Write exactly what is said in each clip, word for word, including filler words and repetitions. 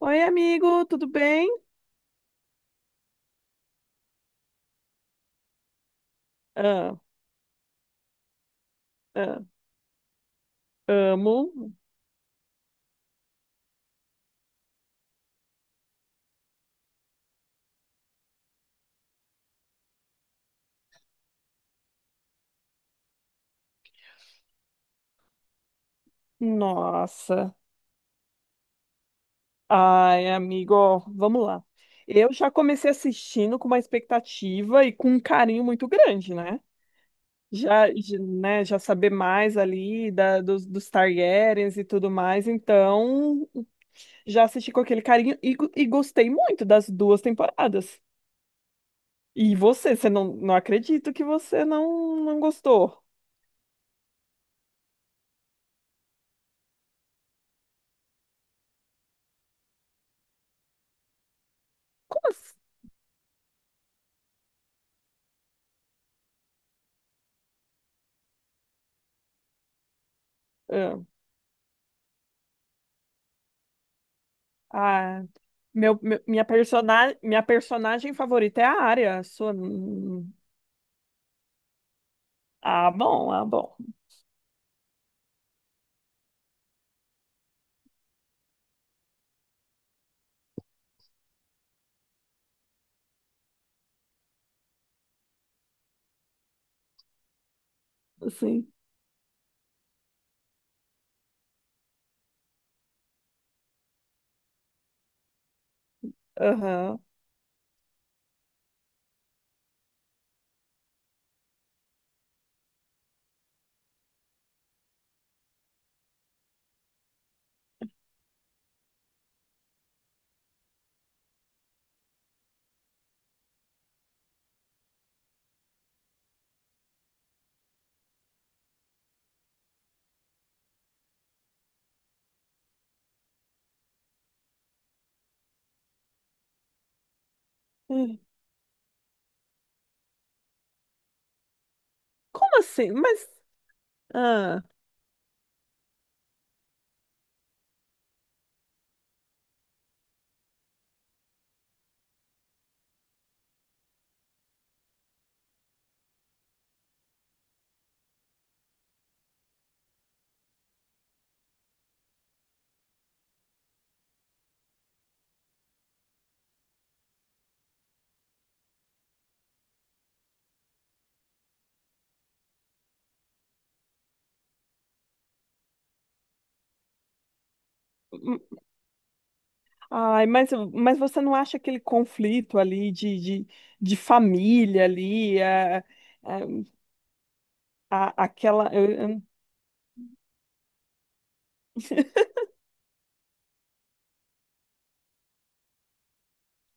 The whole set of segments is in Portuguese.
Oi, amigo, tudo bem? Ah, ah, amo. Nossa. Ai, amigo, ó, vamos lá. Eu já comecei assistindo com uma expectativa e com um carinho muito grande, né? Já, j- né, já saber mais ali da, dos, dos Targaryens e tudo mais, então já assisti com aquele carinho e, go- e gostei muito das duas temporadas. E você, você não, não acredito que você não, não gostou. Como assim? Ah, meu, meu- minha personagem, minha personagem favorita é a Arya. A sua... hum, ah, bom, ah, bom. Sim. Aham. Hum, como assim? Mas... Ah, hum, ai, mas, mas você não acha aquele conflito ali de, de, de família ali? É, é, a, aquela. Eu- eu-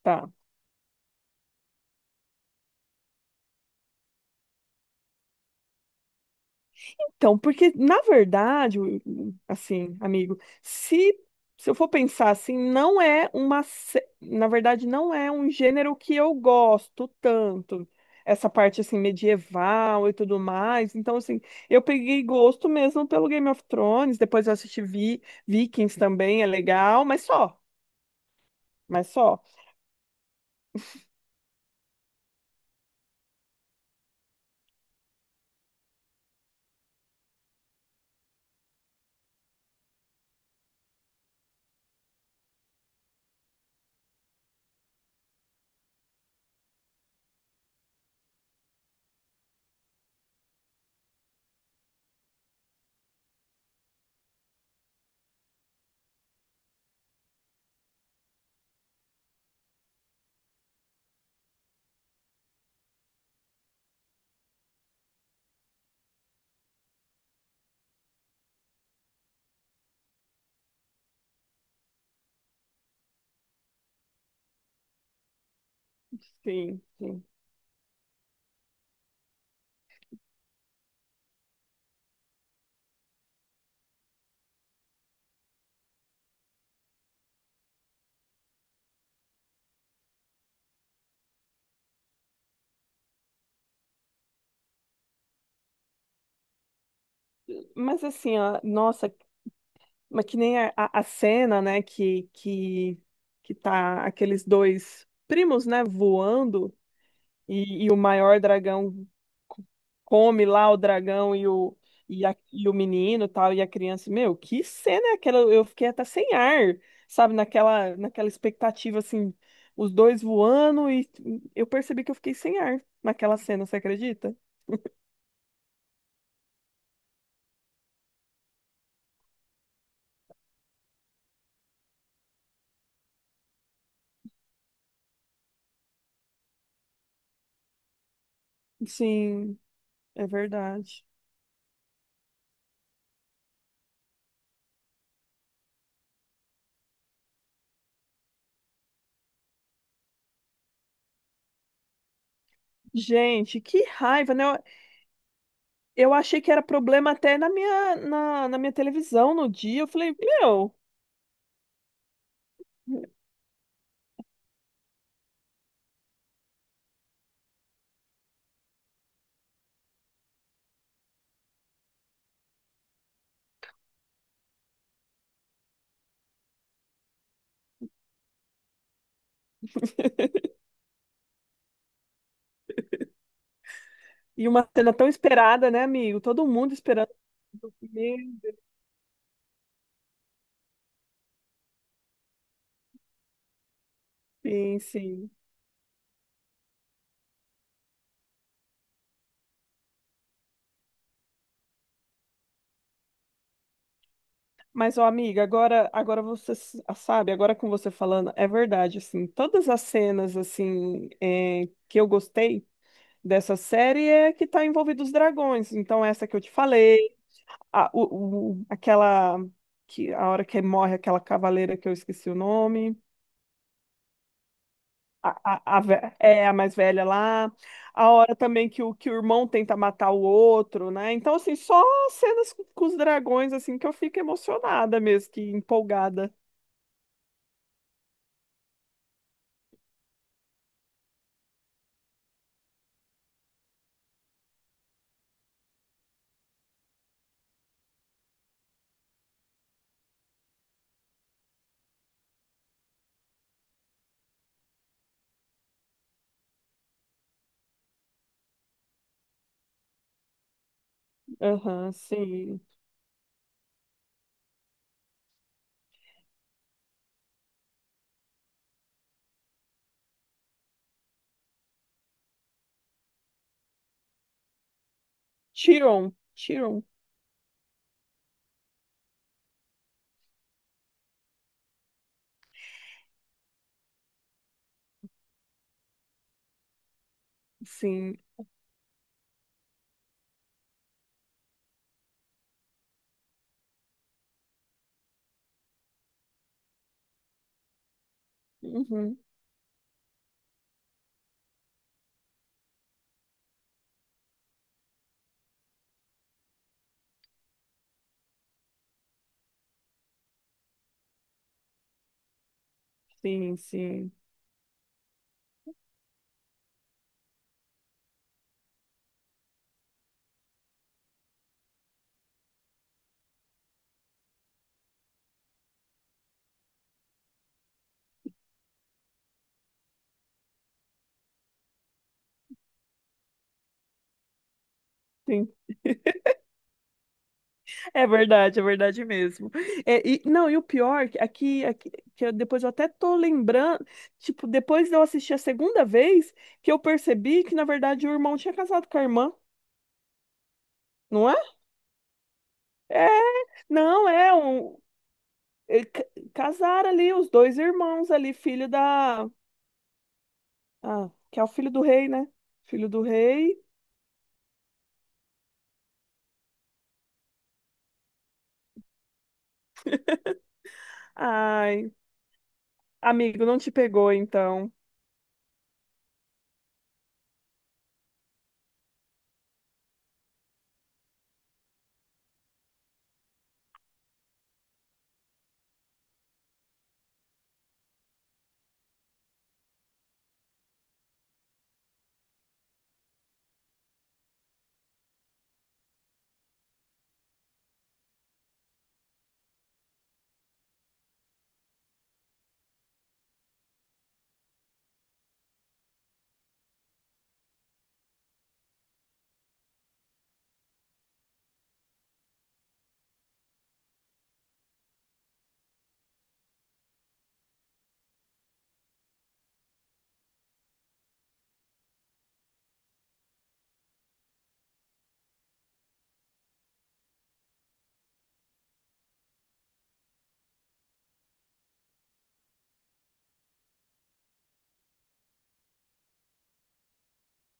Tá. Então, porque, na verdade, o- o- assim, amigo, se, se eu for pensar assim, não é uma. Sé- na verdade, não é um gênero que eu gosto tanto. Essa parte, assim, medieval e tudo mais. Então, assim, eu peguei gosto mesmo pelo Game of Thrones. Depois eu assisti Vi- Vikings também, é legal, mas só. Mas só. Sim, sim. Mas, assim, ó, nossa. Mas que nem a, a a cena, né, que, que, que tá aqueles dois primos, né, voando e, e o maior dragão co- come lá o dragão e o, e, a- e o menino tal, e a criança. Meu, que cena é aquela? Eu fiquei até sem ar, sabe, naquela, naquela expectativa, assim, os dois voando e eu percebi que eu fiquei sem ar naquela cena, você acredita? Sim, é verdade. Gente, que raiva, né? Eu achei que era problema até na minha, na, na minha televisão no dia. Eu falei, meu... E uma cena tão esperada, né, amigo? Todo mundo esperando. Meu, sim, sim. Mas, ó, amiga, agora, agora você s- ah, sabe, agora com você falando, é verdade, assim, todas as cenas, assim, é, que eu gostei dessa série é que tá envolvido os dragões. Então, essa que eu te falei, a, o, o- aquela, que, a hora que morre aquela cavaleira que eu esqueci o nome. A, a, a ve- é a mais velha lá, a hora também que o, que o irmão tenta matar o outro, né? Então, assim, só cenas com, com os dragões, assim, que eu fico emocionada mesmo, que empolgada. Aham, sim. Tiron, Tiron, sim. Uhum, sim, sim, sim. É verdade, é verdade mesmo. É, e, não, e o pior, que aqui, aqui, que eu- depois eu até tô lembrando, tipo, depois de eu assistir a segunda vez, que eu percebi que, na verdade, o irmão tinha casado com a irmã, não é? É, não, é um... ele ca- Casaram ali os dois irmãos ali, filho da... Ah, que é o filho do rei, né? Filho do rei. Ai, amigo, não te pegou, então.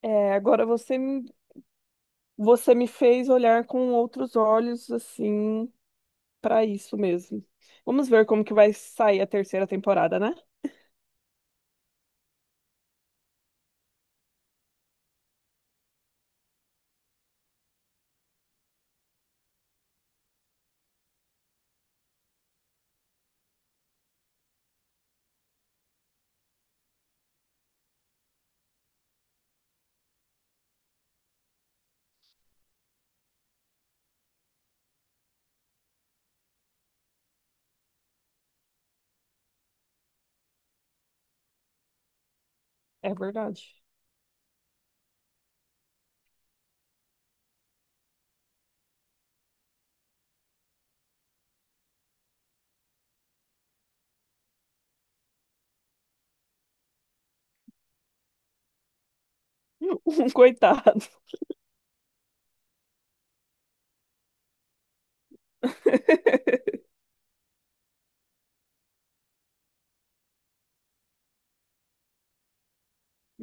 É, agora você, me- você me fez olhar com outros olhos, assim... Pra isso mesmo. Vamos ver como que vai sair a terceira temporada, né? É verdade. Um coitado.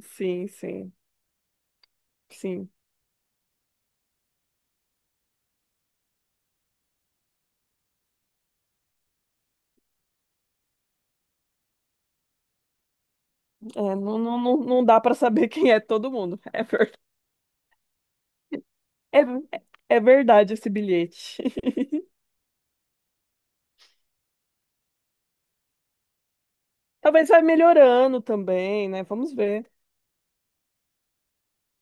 Sim, sim, sim. É, não, não, não não dá pra saber quem é todo mundo. É, verdade. É, é verdade esse bilhete. Talvez vai melhorando também, né? Vamos ver.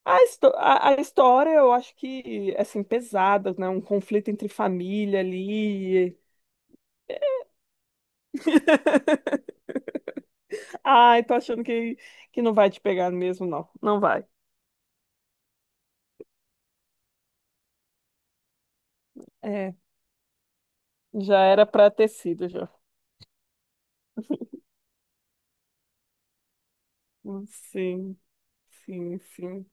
A, histó- a, a história, eu acho que, assim, pesada, né? Um conflito entre família ali. Ai, tô achando que, que não vai te pegar mesmo, não. Não vai. É, já era pra ter sido, já. Sim, sim, sim.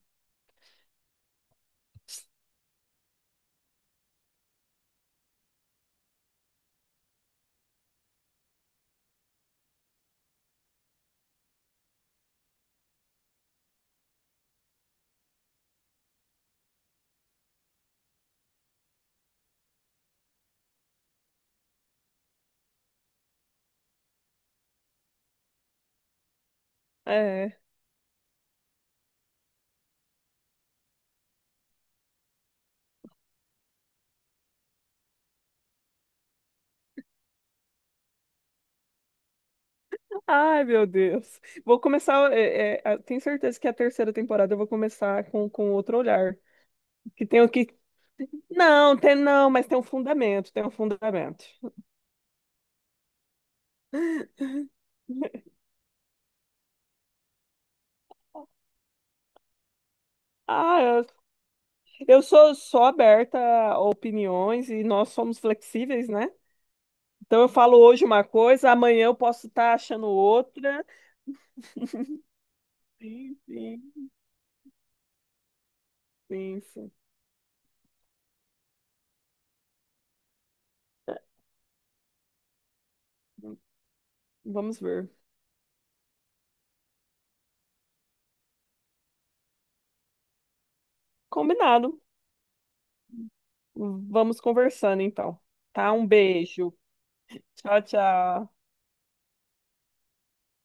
É. Ai, meu Deus. Vou começar. É, é, a- tenho certeza que a terceira temporada eu vou começar com, com outro olhar. Que tem o que. Não, tem não, mas tem um fundamento, tem um fundamento. Ah, eu, eu sou, sou aberta a opiniões e nós somos flexíveis, né? Então eu falo hoje uma coisa, amanhã eu posso estar achando outra. Sim, sim, sim, sim. É, vamos ver. Combinado. Vamos conversando então. Tá? Um beijo. Tchau, tchau.